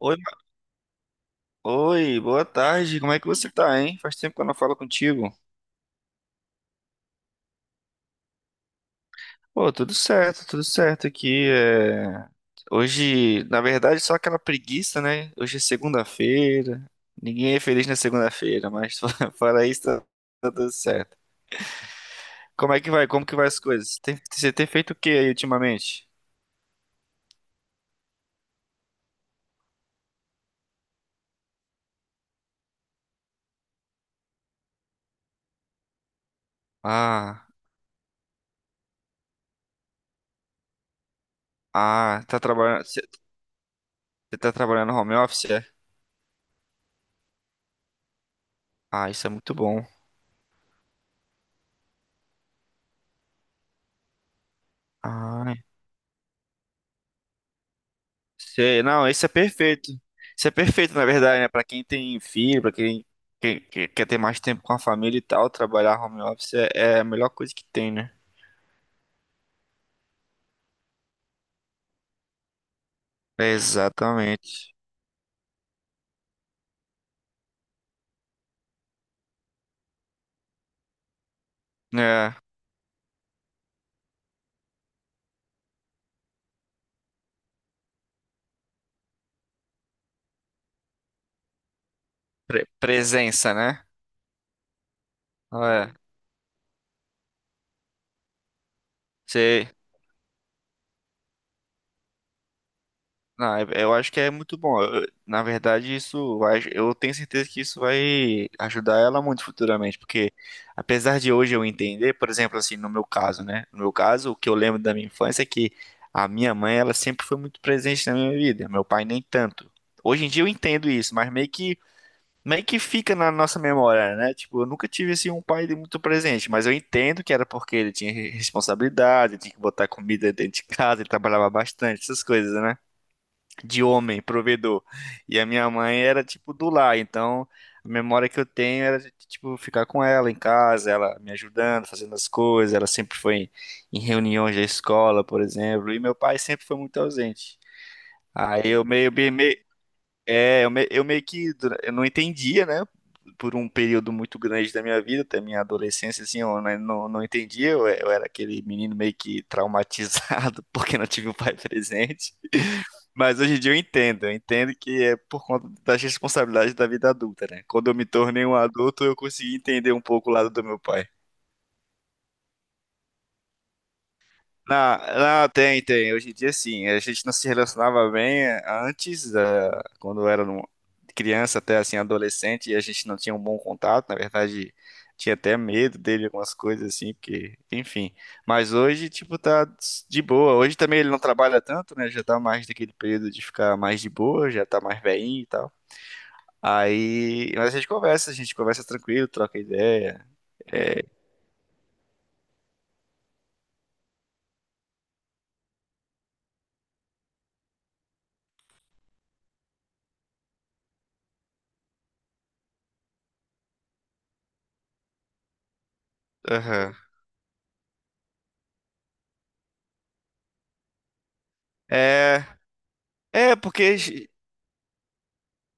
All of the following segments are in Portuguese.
Oi, Ma- oi, boa tarde. Como é que você tá, hein? Faz tempo que eu não falo contigo. Pô, tudo certo aqui. É. Hoje, na verdade, só aquela preguiça, né? Hoje é segunda-feira. Ninguém é feliz na segunda-feira, mas fora isso, tá tudo certo. Como é que vai? Como que vai as coisas? Você tem feito o que aí ultimamente? Ah, ah, tá trabalhando. Você tá trabalhando home office, é? Ah, isso é muito bom. Ah, sei, não, isso é perfeito. Isso é perfeito, na verdade, né? Pra quem tem filho, pra quem, quem- que- quer ter mais tempo com a família e tal, trabalhar home office é a melhor coisa que tem, né? Exatamente. É, presença, né? Ah, é, sei. Não, eu acho que é muito bom. Na verdade, eu tenho certeza que isso vai ajudar ela muito futuramente, porque apesar de hoje eu entender, por exemplo, assim, no meu caso, né? No meu caso, o que eu lembro da minha infância é que a minha mãe, ela sempre foi muito presente na minha vida, meu pai nem tanto. Hoje em dia eu entendo isso, mas meio que fica na nossa memória, né? Tipo, eu nunca tive assim um pai de muito presente, mas eu entendo que era porque ele tinha responsabilidade, tinha que botar comida dentro de casa, ele trabalhava bastante, essas coisas, né? De homem, provedor. E a minha mãe era tipo do lar, então a memória que eu tenho era de, tipo ficar com ela em casa, ela me ajudando, fazendo as coisas, ela sempre foi em, em reuniões da escola, por exemplo, e meu pai sempre foi muito ausente. Aí eu meio, meio, é, eu, me- eu eu não entendia, né? Por um período muito grande da minha vida, até minha adolescência, assim, eu né, não entendia. Eu era aquele menino meio que traumatizado porque não tive o pai presente. Mas hoje em dia eu entendo que é por conta das responsabilidades da vida adulta, né? Quando eu me tornei um adulto, eu consegui entender um pouco o lado do meu pai. Não, não, tem, tem. Hoje em dia, sim. A gente não se relacionava bem antes, quando eu era criança até assim, adolescente, e a gente não tinha um bom contato. Na verdade, tinha até medo dele, algumas coisas assim, porque, enfim. Mas hoje, tipo, tá de boa. Hoje também ele não trabalha tanto, né? Já tá mais daquele período de ficar mais de boa, já tá mais velhinho e tal. Aí, mas a gente conversa tranquilo, troca ideia. É, aham. É, é, porque.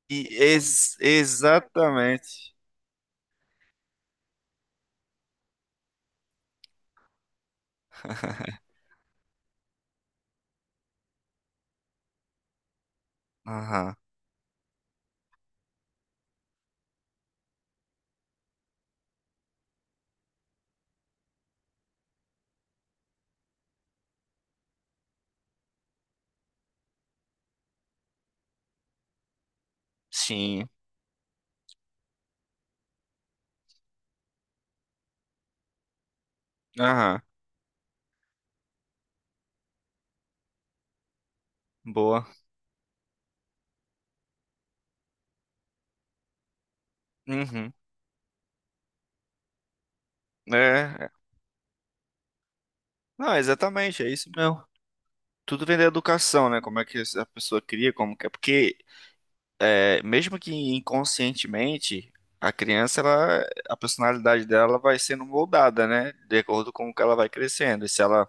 E exatamente. Aham. Sim. Aham. Boa. Uhum. É. É. Não, exatamente, é isso mesmo. Tudo vem da educação, né? Como é que a pessoa cria, como que é. Porque, é, mesmo que inconscientemente, a criança, ela, a personalidade dela vai sendo moldada, né? De acordo com o que ela vai crescendo. E se ela.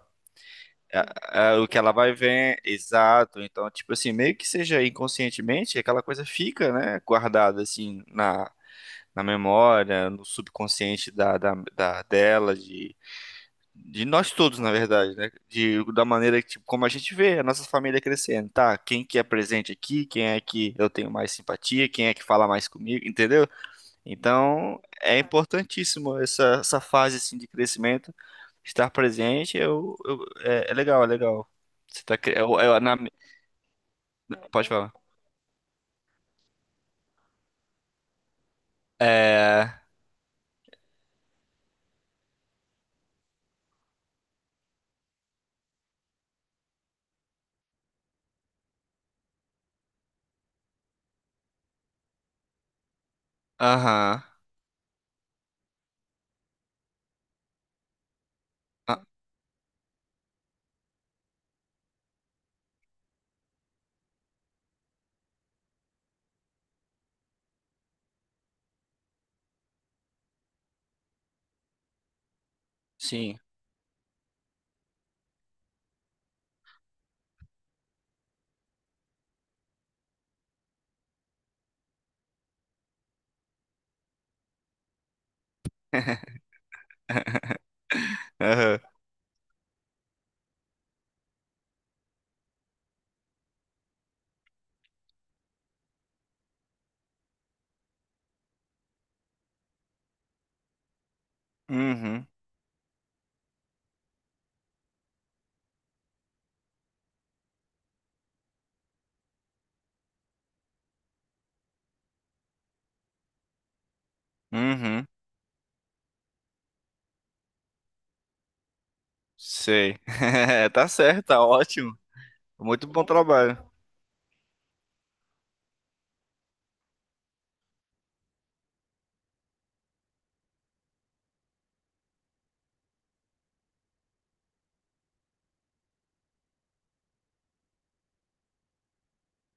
O que ela vai ver, exato. Então, tipo assim, meio que seja inconscientemente, aquela coisa fica, né? Guardada, assim, na, memória, no subconsciente dela, de nós todos, na verdade, né? Da maneira que, tipo, como a gente vê a nossa família crescendo, tá? Quem que é presente aqui, quem é que eu tenho mais simpatia, quem é que fala mais comigo, entendeu? Então, é importantíssimo essa fase, assim, de crescimento, estar presente, é legal, é legal. Você tá, eu, na, pode falar. É, aham, ah, sim, aham, uhum, uhum. Sei. Tá certo, tá ótimo. Muito bom trabalho.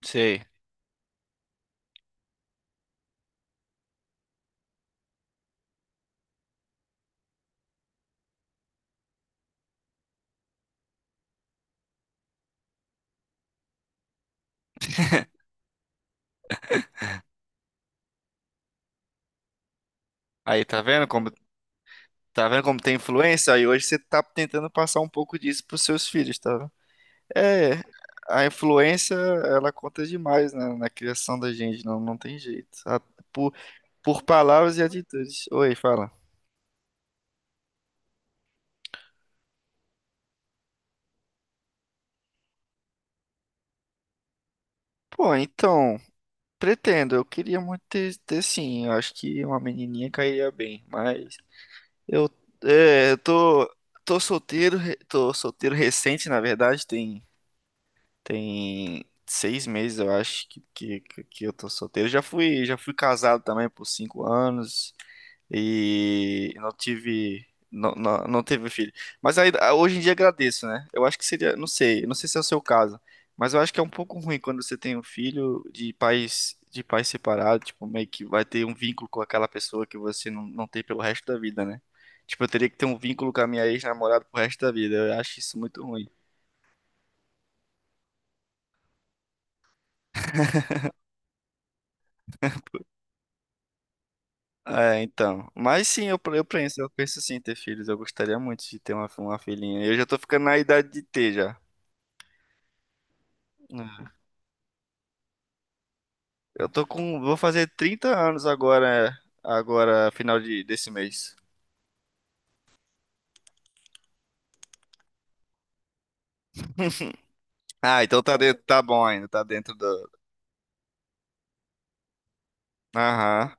Sei. Aí, tá vendo como tem influência? Aí hoje você tá tentando passar um pouco disso pros seus filhos, tá vendo? É, a influência, ela conta demais na, criação da gente, não, não tem jeito. Por, por palavras e atitudes. Oi, fala. Pô, então, pretendo, eu queria muito ter, sim, eu acho que uma menininha cairia bem, mas Eu, eu tô solteiro, tô solteiro recente, na verdade, tem, tem 6 meses, eu acho, que eu tô solteiro. Já fui casado também por 5 anos, e não tive não, não, não teve filho. Mas aí, ah, hoje em dia agradeço, né? Eu acho que seria, não sei se é o seu caso, mas eu acho que é um pouco ruim quando você tem um filho de pais separados, tipo, meio que vai ter um vínculo com aquela pessoa que você não, não tem pelo resto da vida, né? Tipo, eu teria que ter um vínculo com a minha ex-namorada pro resto da vida. Eu acho isso muito ruim. É, então. Mas sim, eu penso sim em ter filhos. Eu gostaria muito de ter uma filhinha. Eu já tô ficando na idade de ter já. Eu tô com. Vou fazer 30 anos agora, final desse mês. Ah, então tá dentro, tá bom ainda, tá dentro do. Aham.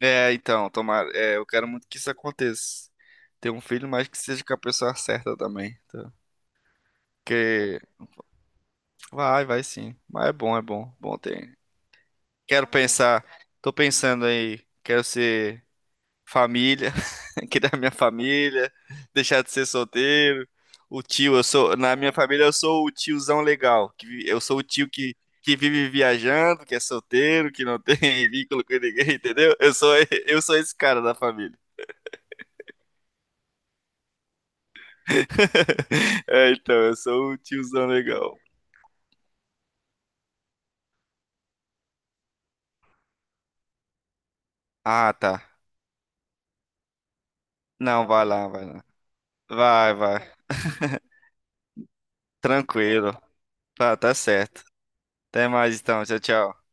É, então, tomara. É, eu quero muito que isso aconteça. Ter um filho, mas que seja com a pessoa certa também. Tá? Porque vai sim. Mas é bom, é bom. Bom ter. Quero pensar. Tô pensando aí. Quero ser família aqui da minha família, deixar de ser solteiro. O tio, eu sou, na minha família eu sou o tiozão legal, que eu sou o tio que vive viajando, que é solteiro, que não tem vínculo com ninguém, entendeu? Eu sou esse cara da família. É, então, eu sou o tiozão legal. Ah, tá. Não, vai lá, vai lá. Vai, vai. Tranquilo. Tá certo. Até mais então. Tchau, tchau.